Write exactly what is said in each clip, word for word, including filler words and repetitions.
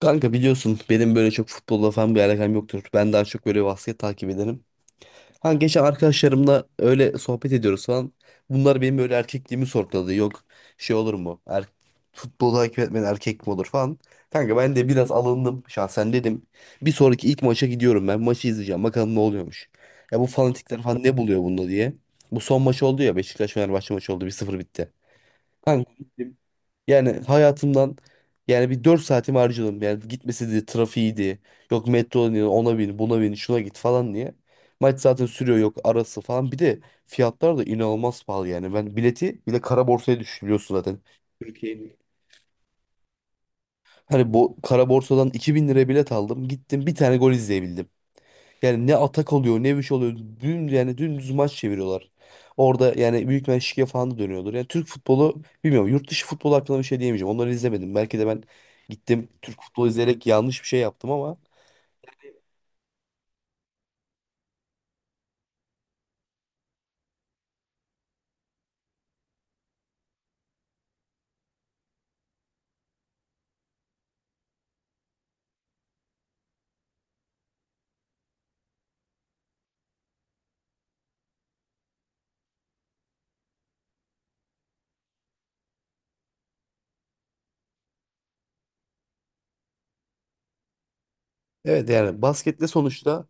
Kanka biliyorsun benim böyle çok futbolla falan bir alakam yoktur. Ben daha çok böyle basket takip ederim. Ha geçen arkadaşlarımla öyle sohbet ediyoruz falan. Bunlar benim böyle erkekliğimi sorguladı. Yok şey olur mu? Er futbolu takip etmeyen erkek mi olur falan. Kanka ben de biraz alındım şahsen dedim. Bir sonraki ilk maça gidiyorum ben. Maçı izleyeceğim. Bakalım ne oluyormuş. Ya bu fanatikler falan ne buluyor bunda diye. Bu son maç oldu ya, Beşiktaş Fenerbahçe maçı oldu. Bir sıfır bitti. Kanka yani hayatımdan, yani bir dört saatimi harcadım. Yani gitmesi de trafiğiydi. Yok metro diye ona bin buna bin şuna git falan diye. Maç zaten sürüyor, yok arası falan. Bir de fiyatlar da inanılmaz pahalı yani. Ben bileti bile kara borsaya düşürüyorsun zaten. Türkiye'nin. Hani bu kara borsadan iki bin liraya bilet aldım. Gittim bir tane gol izleyebildim. Yani ne atak oluyor ne bir şey oluyor. Dün yani dümdüz maç çeviriyorlar. Orada yani büyük bir şike falan da dönüyordur. Yani Türk futbolu bilmiyorum. Yurt dışı futbolu hakkında bir şey diyemeyeceğim. Onları izlemedim. Belki de ben gittim Türk futbolu izleyerek yanlış bir şey yaptım ama evet yani baskette sonuçta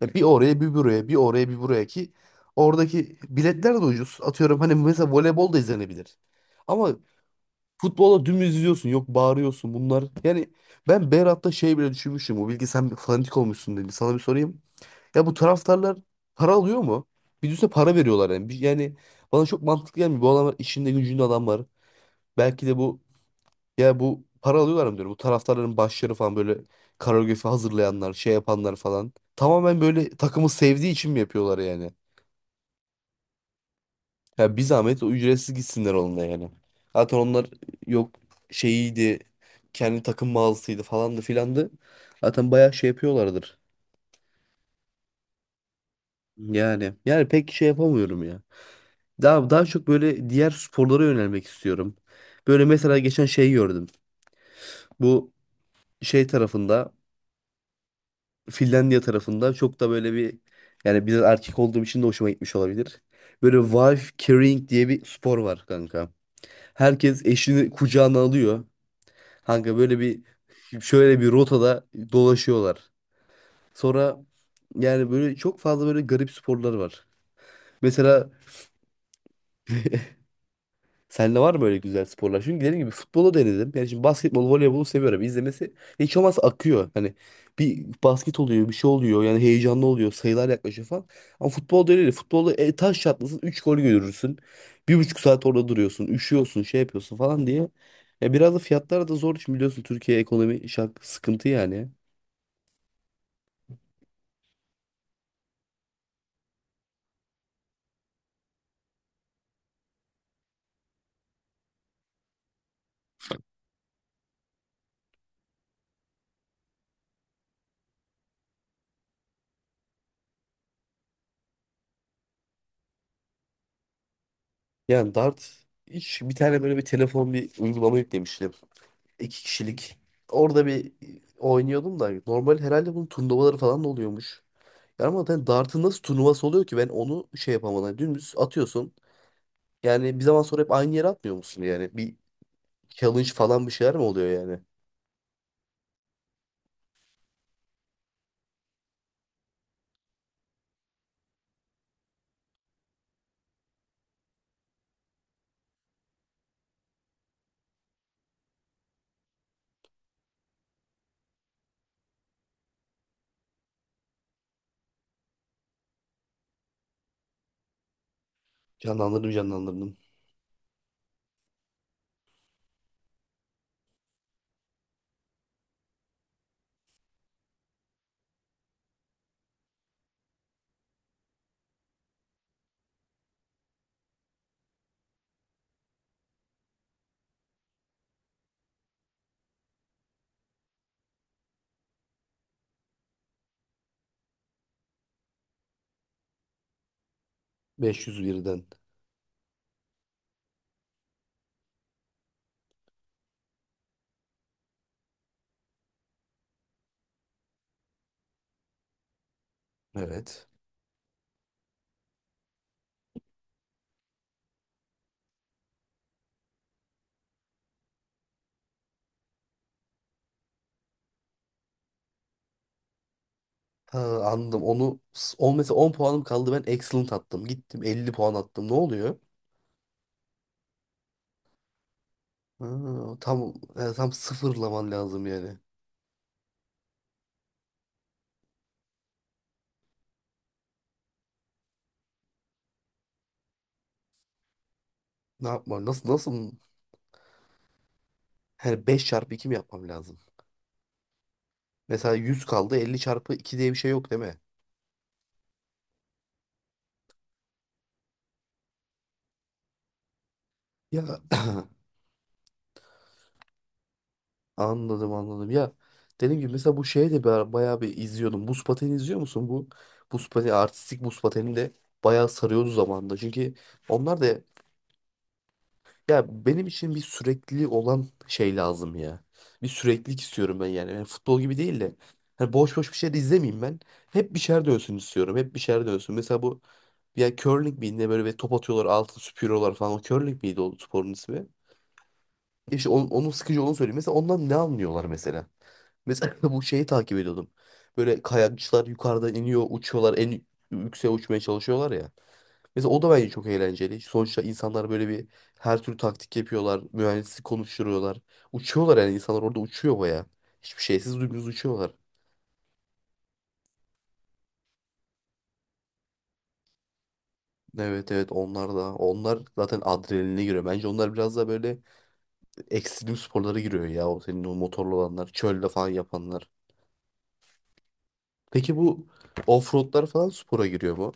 ya bir oraya bir buraya bir oraya bir buraya ki oradaki biletler de ucuz. Atıyorum hani mesela voleybol da izlenebilir. Ama futbola dümdüz izliyorsun. Yok bağırıyorsun bunlar. Yani ben Berat'ta şey bile düşünmüştüm. O bilgi sen fanatik olmuşsun dedim. Sana bir sorayım. Ya bu taraftarlar para alıyor mu? Bir düşünsene para veriyorlar yani. Bir- Yani bana çok mantıklı gelmiyor. Bu adamlar işinde gücünde adam var. Belki de bu, ya bu para alıyorlar mı diyorum. Bu taraftarların başları falan böyle koreografi hazırlayanlar, şey yapanlar falan. Tamamen böyle takımı sevdiği için mi yapıyorlar yani? Ya bir zahmet o ücretsiz gitsinler onunla yani. Zaten onlar yok şeyiydi, kendi takım mağazasıydı falandı filandı. Zaten bayağı şey yapıyorlardır. Yani yani pek şey yapamıyorum ya. Daha, daha çok böyle diğer sporlara yönelmek istiyorum. Böyle mesela geçen şey gördüm. Bu şey tarafında, Finlandiya tarafında çok da böyle bir, yani biraz erkek olduğum için de hoşuma gitmiş olabilir. Böyle wife carrying diye bir spor var kanka. Herkes eşini kucağına alıyor. Kanka böyle bir, şöyle bir rotada dolaşıyorlar. Sonra yani böyle çok fazla böyle garip sporlar var. Mesela sende var mı böyle güzel sporlar? Çünkü dediğim gibi futbolu denedim. Yani şimdi basketbol, voleybolu seviyorum. İzlemesi hiç olmazsa akıyor. Hani bir basket oluyor, bir şey oluyor. Yani heyecanlı oluyor. Sayılar yaklaşıyor falan. Ama futbolda öyle değil. Futbolda e, taş çatlasın üç gol görürsün. Bir buçuk saat orada duruyorsun. Üşüyorsun, şey yapıyorsun falan diye. Ya biraz da fiyatlar da zor. Şimdi biliyorsun Türkiye ekonomi şak, sıkıntı yani. Yani dart hiç bir tane böyle bir telefon bir uygulama yüklemiştim. İki kişilik. Orada bir oynuyordum da normal herhalde bunun turnuvaları falan da oluyormuş. Yani ama zaten dartın nasıl turnuvası oluyor ki ben onu şey yapamadım. Yani dümdüz atıyorsun. Yani bir zaman sonra hep aynı yere atmıyor musun yani? Bir challenge falan bir şeyler mi oluyor yani? Canlandırdım canlandırdım. Beş yüz birden. Evet. Ha, anladım. Onu on mesela on puanım kaldı, ben excellent attım. Gittim elli puan attım. Ne oluyor? Ha, tam yani tam sıfırlaman lazım yani. Ne yapmam? Nasıl nasıl? Yani beş çarpı iki mi yapmam lazım? Mesela yüz kaldı, elli çarpı iki diye bir şey yok değil mi? Ya anladım anladım. Ya dediğim gibi mesela bu şeye de ba- bayağı bir izliyordum. Buz pateni izliyor musun? Bu buz pateni Artistik buz pateni de bayağı sarıyordu zamanında. Çünkü onlar da, ya benim için bir sürekli olan şey lazım ya. Bir süreklilik istiyorum ben yani. Yani futbol gibi değil de hani boş boş bir şey de izlemeyeyim ben. Hep bir şeyler dönsün istiyorum. Hep bir şeyler dönsün. Mesela bu ya curling miydi ne böyle ve top atıyorlar altın süpürüyorlar falan. O curling miydi o sporun ismi? İşte on- onun sıkıcı olduğunu söyleyeyim. Mesela ondan ne anlıyorlar mesela? Mesela bu şeyi takip ediyordum. Böyle kayakçılar yukarıdan iniyor, uçuyorlar, en yükseğe uçmaya çalışıyorlar ya. Mesela o da bence çok eğlenceli. Sonuçta insanlar böyle bir her türlü taktik yapıyorlar, mühendislik konuşturuyorlar. Uçuyorlar, yani insanlar orada uçuyor baya. Hiçbir şeysiz dümdüz uçuyorlar. Evet evet onlar da. Onlar zaten adrenaline giriyor. Bence onlar biraz da böyle ekstrem sporlara giriyor ya. O senin o motorlu olanlar, çölde falan yapanlar. Peki bu offroadlar falan spora giriyor mu?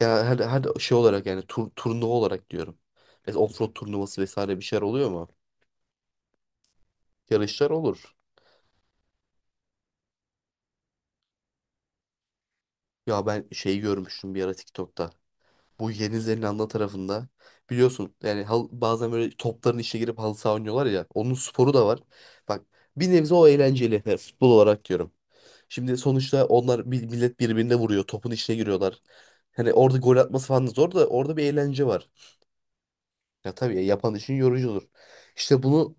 Ya her, her şey olarak yani, tur, turnuva olarak diyorum. Mesela offroad turnuvası vesaire bir şeyler oluyor mu? Yarışlar olur. Ya ben şeyi görmüştüm bir ara TikTok'ta. Bu Yeni Zelanda tarafında biliyorsun yani hal- bazen böyle topların içine girip halı saha oynuyorlar ya. Onun sporu da var. Bak bir nebze o eğlenceli. Yani futbol olarak diyorum. Şimdi sonuçta onlar bir, millet birbirine vuruyor. Topun içine giriyorlar. Hani orada gol atması falan da zor da orada bir eğlence var. Ya tabii ya, yapan için yorucu olur. İşte bunu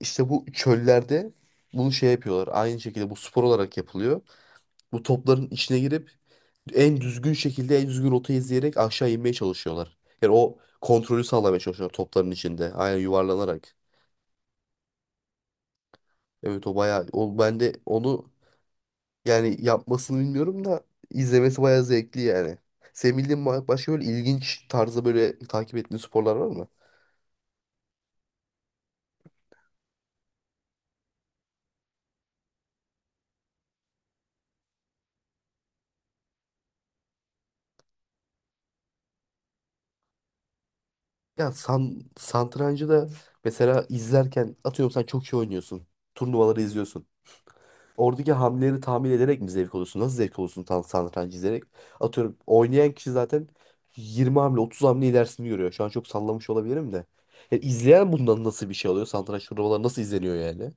işte bu çöllerde bunu şey yapıyorlar. Aynı şekilde bu spor olarak yapılıyor. Bu topların içine girip en düzgün şekilde en düzgün rotayı izleyerek aşağı inmeye çalışıyorlar. Yani o kontrolü sağlamaya çalışıyorlar topların içinde. Aynen yuvarlanarak. Evet o bayağı, o ben de onu yani yapmasını bilmiyorum da izlemesi bayağı zevkli yani. Senin bildiğin ba- başka böyle ilginç tarzda böyle takip ettiğin sporlar var mı? Ya san, satrancı da mesela izlerken atıyorum sen çok iyi oynuyorsun. Turnuvaları izliyorsun. Oradaki hamleleri tahmin ederek mi zevk alıyorsun? Nasıl zevk alıyorsun tam satrancı izleyerek? Atıyorum oynayan kişi zaten yirmi hamle otuz hamle ilerisini görüyor. Şu an çok sallamış olabilirim de. Ya izleyen bundan nasıl bir şey alıyor? Satranç turnuvaları nasıl izleniyor yani?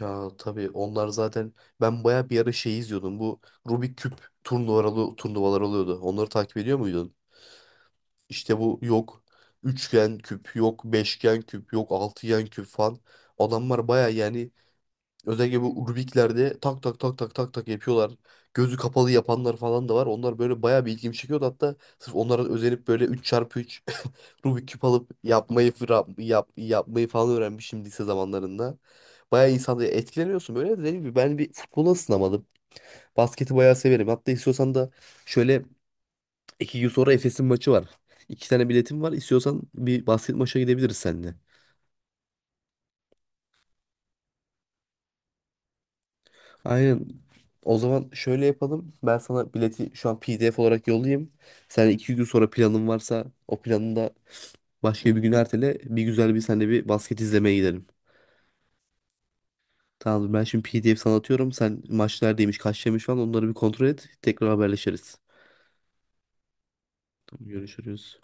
Ya tabii onlar zaten ben baya bir ara şey izliyordum. Bu Rubik küp turnuvaları turnuvalar oluyordu. Onları takip ediyor muydun? İşte bu yok üçgen küp, yok beşgen küp, yok altıgen küp falan. Adamlar baya yani özellikle bu Rubik'lerde tak tak tak tak tak tak yapıyorlar. Gözü kapalı yapanlar falan da var. Onlar böyle bayağı bir ilgimi çekiyordu. Hatta sırf onlara özenip böyle üç x üç Rubik küp alıp yapmayı fıra- yap, yapmayı falan öğrenmişim lise zamanlarında. Bayağı insanda etkileniyorsun böyle. Dediğim gibi ben bir futbola ısınamadım. Basketi bayağı severim. Hatta istiyorsan da şöyle iki gün sonra Efes'in maçı var. İki tane biletim var. İstiyorsan bir basket maça gidebiliriz seninle. Aynen. O zaman şöyle yapalım. Ben sana bileti şu an P D F olarak yollayayım. Sen iki gün sonra planın varsa o planını da başka bir gün ertele. Bir güzel bir senle bir basket izlemeye gidelim. Tamamdır. Ben şimdi P D F sana atıyorum. Sen maç neredeymiş, kaç demiş falan onları bir kontrol et. Tekrar haberleşiriz. Tamam, görüşürüz.